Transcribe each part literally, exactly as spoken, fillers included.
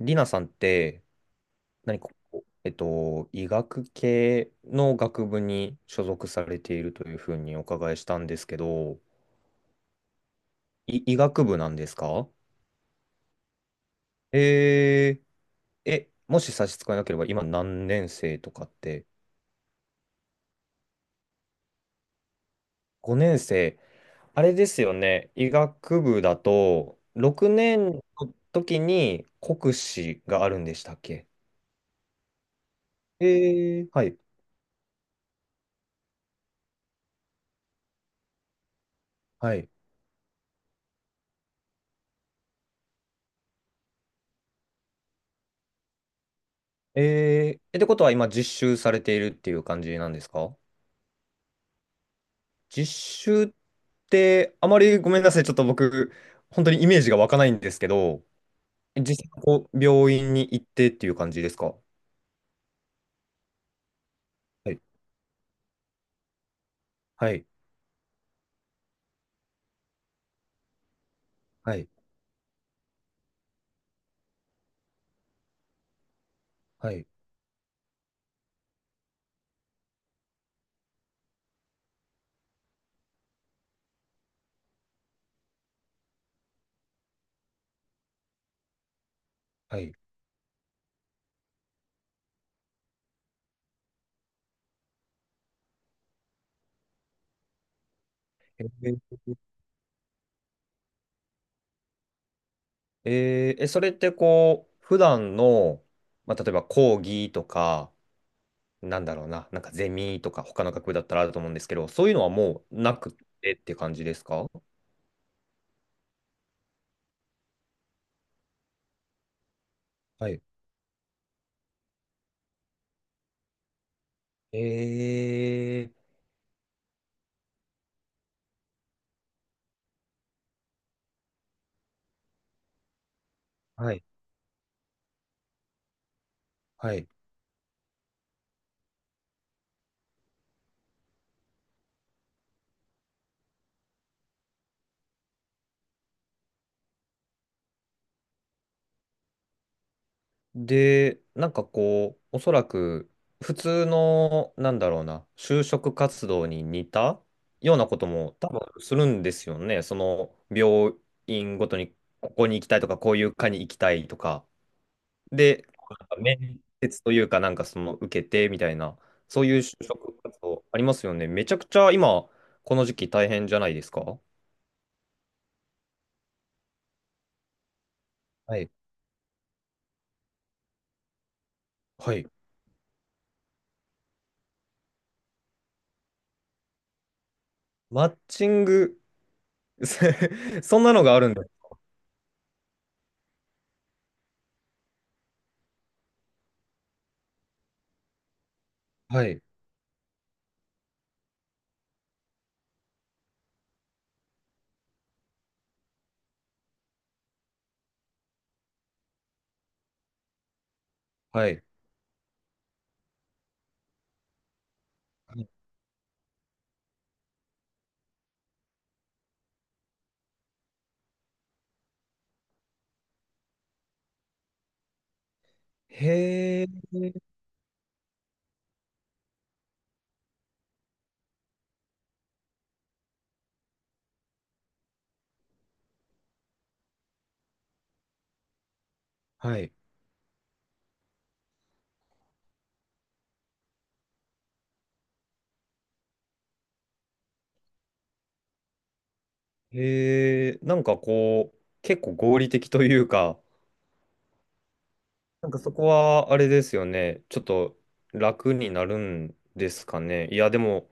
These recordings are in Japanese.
リナさんって、何かこう、えっと、医学系の学部に所属されているというふうにお伺いしたんですけど、い医学部なんですか？えー、え、もし差し支えなければ、今何年生とかって？ごねん生、あれですよね。医学部だと、ろくねんの時に国試があるんでしたっけ？えー、はい、はい。えー、えってことは今実習されているっていう感じなんですか？実習ってあまり、ごめんなさい、ちょっと僕、本当にイメージが湧かないんですけど、実際こう病院に行ってっていう感じですか？はい、はい、はい、はい、はい。えーえーえそれってこう、普段の、まあ、例えば講義とか、なんだろうな、なんかゼミとか、他の学部だったらあると思うんですけど、そういうのはもうなくてって感じですか？はい。えー、はい、はい。で、なんかこう、おそらく普通の、なんだろうな、就職活動に似たようなことも多分するんですよね。その病院ごとにここに行きたいとか、こういう科に行きたいとか。で、なんか面接というか、なんかその受けてみたいな、そういう就職活動ありますよね。めちゃくちゃ今、この時期大変じゃないですか？はい。はい。マッチング、そんなのがあるんだ。はい。はい。へえ、はい。へえ、なんかこう、結構合理的というか、なんかそこはあれですよね。ちょっと楽になるんですかね。いや、でも、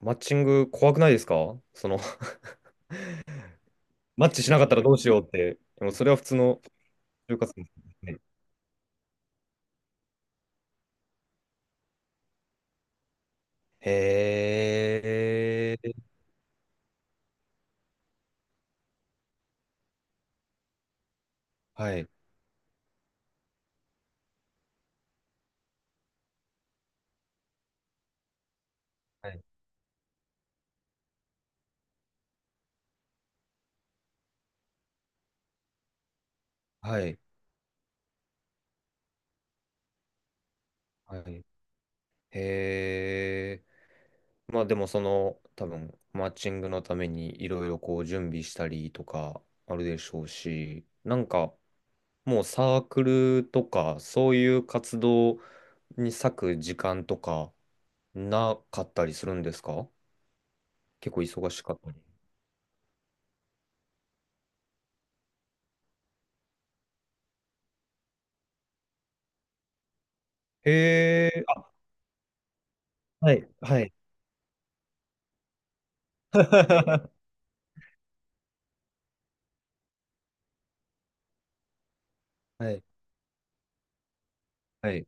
マッチング怖くないですか、その、マッチしなかったらどうしようって。でもそれは普通の就活ですね。へえ、はい、はい、はい。はい、へえ。まあでもその多分マッチングのためにいろいろこう準備したりとかあるでしょうし、なんかもうサークルとかそういう活動に割く時間とかなかったりするんですか？結構忙しかったり。へえ、あ、はい、はい。はい、はい、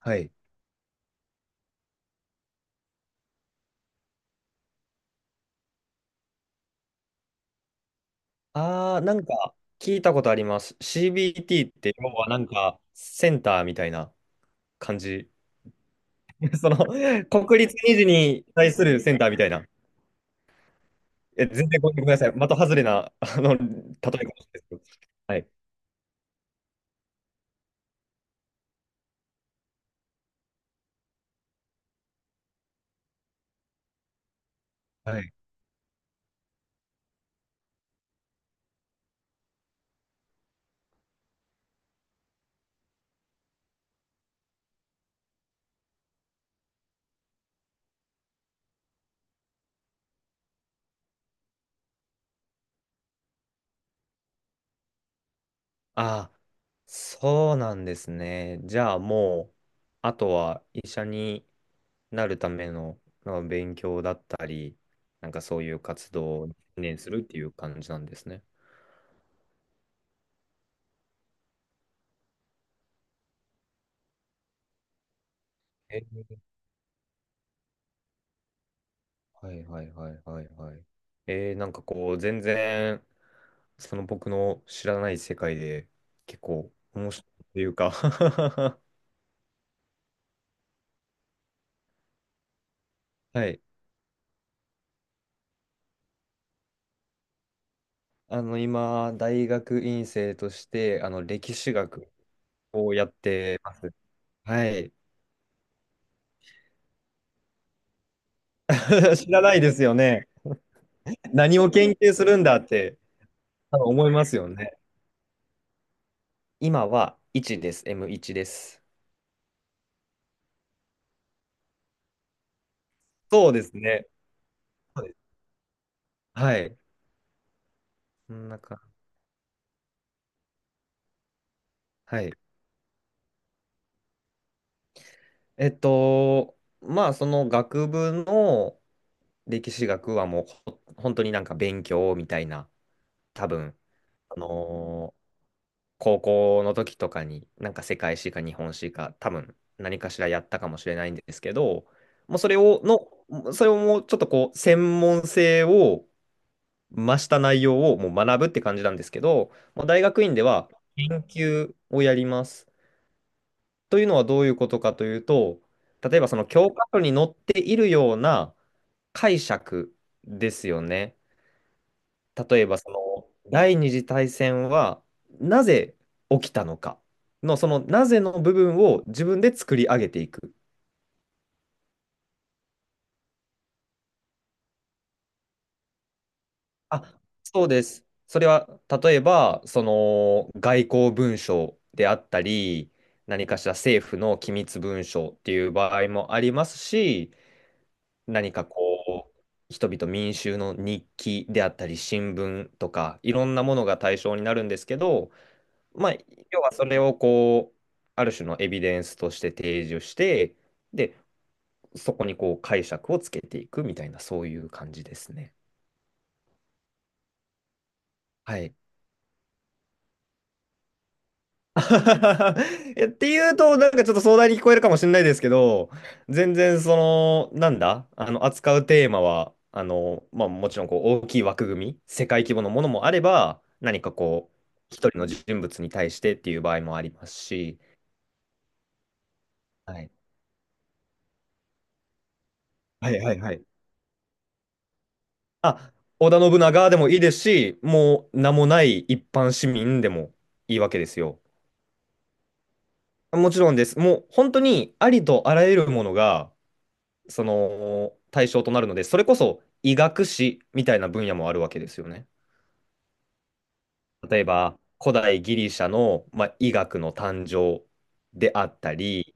はい。ああ、なんか聞いたことあります。シービーティー って要はなんかセンターみたいな感じ。その、国立二次に対するセンターみたいな。え、全然ごめんなさい。的外れな、あの、例えかもしれないですけど。はい。はい。ああ、そうなんですね。じゃあもう、あとは医者になるための、の勉強だったり、なんかそういう活動を専念するっていう感じなんですね。え、はいはいはいはいはい。えー、なんかこう、全然、その僕の知らない世界で、結構面白いというか。 はい。あの、今、大学院生として、あの、歴史学をやってます。はい。知らないですよね。何を研究するんだって、多分思いますよね。今はいちです。エムワン です。そうですね。そうです。はい。こんなか。はい。えっと、まあ、その学部の歴史学はもうほ本当になんか勉強みたいな、多分、あのー高校の時とかになんか世界史か日本史か多分何かしらやったかもしれないんですけど、もうそれを、の、それをもうちょっとこう、専門性を増した内容をもう学ぶって感じなんですけど、もう大学院では研究をやります。というのはどういうことかというと、例えばその教科書に載っているような解釈ですよね。例えばそのだいにじたいせんはなぜ起きたのかの、そのなぜの部分を自分で作り上げていく。あ、そうです。それは例えばその外交文書であったり、何かしら政府の機密文書っていう場合もありますし、何かこう、人々民衆の日記であったり、新聞とか、いろんなものが対象になるんですけど、まあ、要はそれをこう、ある種のエビデンスとして提示して、で、そこにこう解釈をつけていくみたいな、そういう感じですね。はい。いやっていうと、なんかちょっと壮大に聞こえるかもしれないですけど、全然その、なんだ、あの、扱うテーマは、あの、まあもちろんこう大きい枠組み、世界規模のものもあれば、何かこう、一人の人物に対してっていう場合もありますし、はい。はいはいはい。あ、織田信長でもいいですし、もう名もない一般市民でもいいわけですよ。もちろんです。もう本当にありとあらゆるものが、その対象となるので、それこそ医学史みたいな分野もあるわけですよね。例えば、古代ギリシャの、まあ、医学の誕生であったり、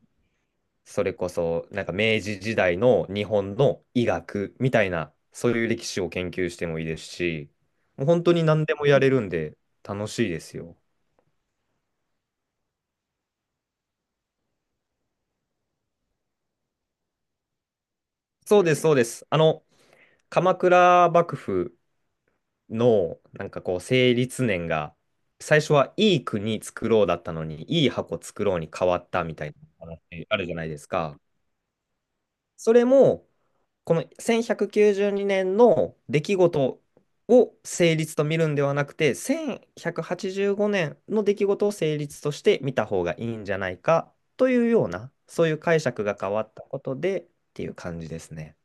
それこそなんか明治時代の日本の医学みたいな、そういう歴史を研究してもいいですし、もう本当に何でもやれるんで楽しいですよ。そうです、そうです。あの、鎌倉幕府の、なんかこう、成立年が、最初はいい国作ろうだったのに、いい箱作ろうに変わったみたいな話あるじゃないですか。それも、このせんひゃくきゅうじゅうにねんの出来事を成立と見るんではなくて、せんひゃくはちじゅうごねんの出来事を成立として見た方がいいんじゃないかというような、そういう解釈が変わったことでっていう感じですね。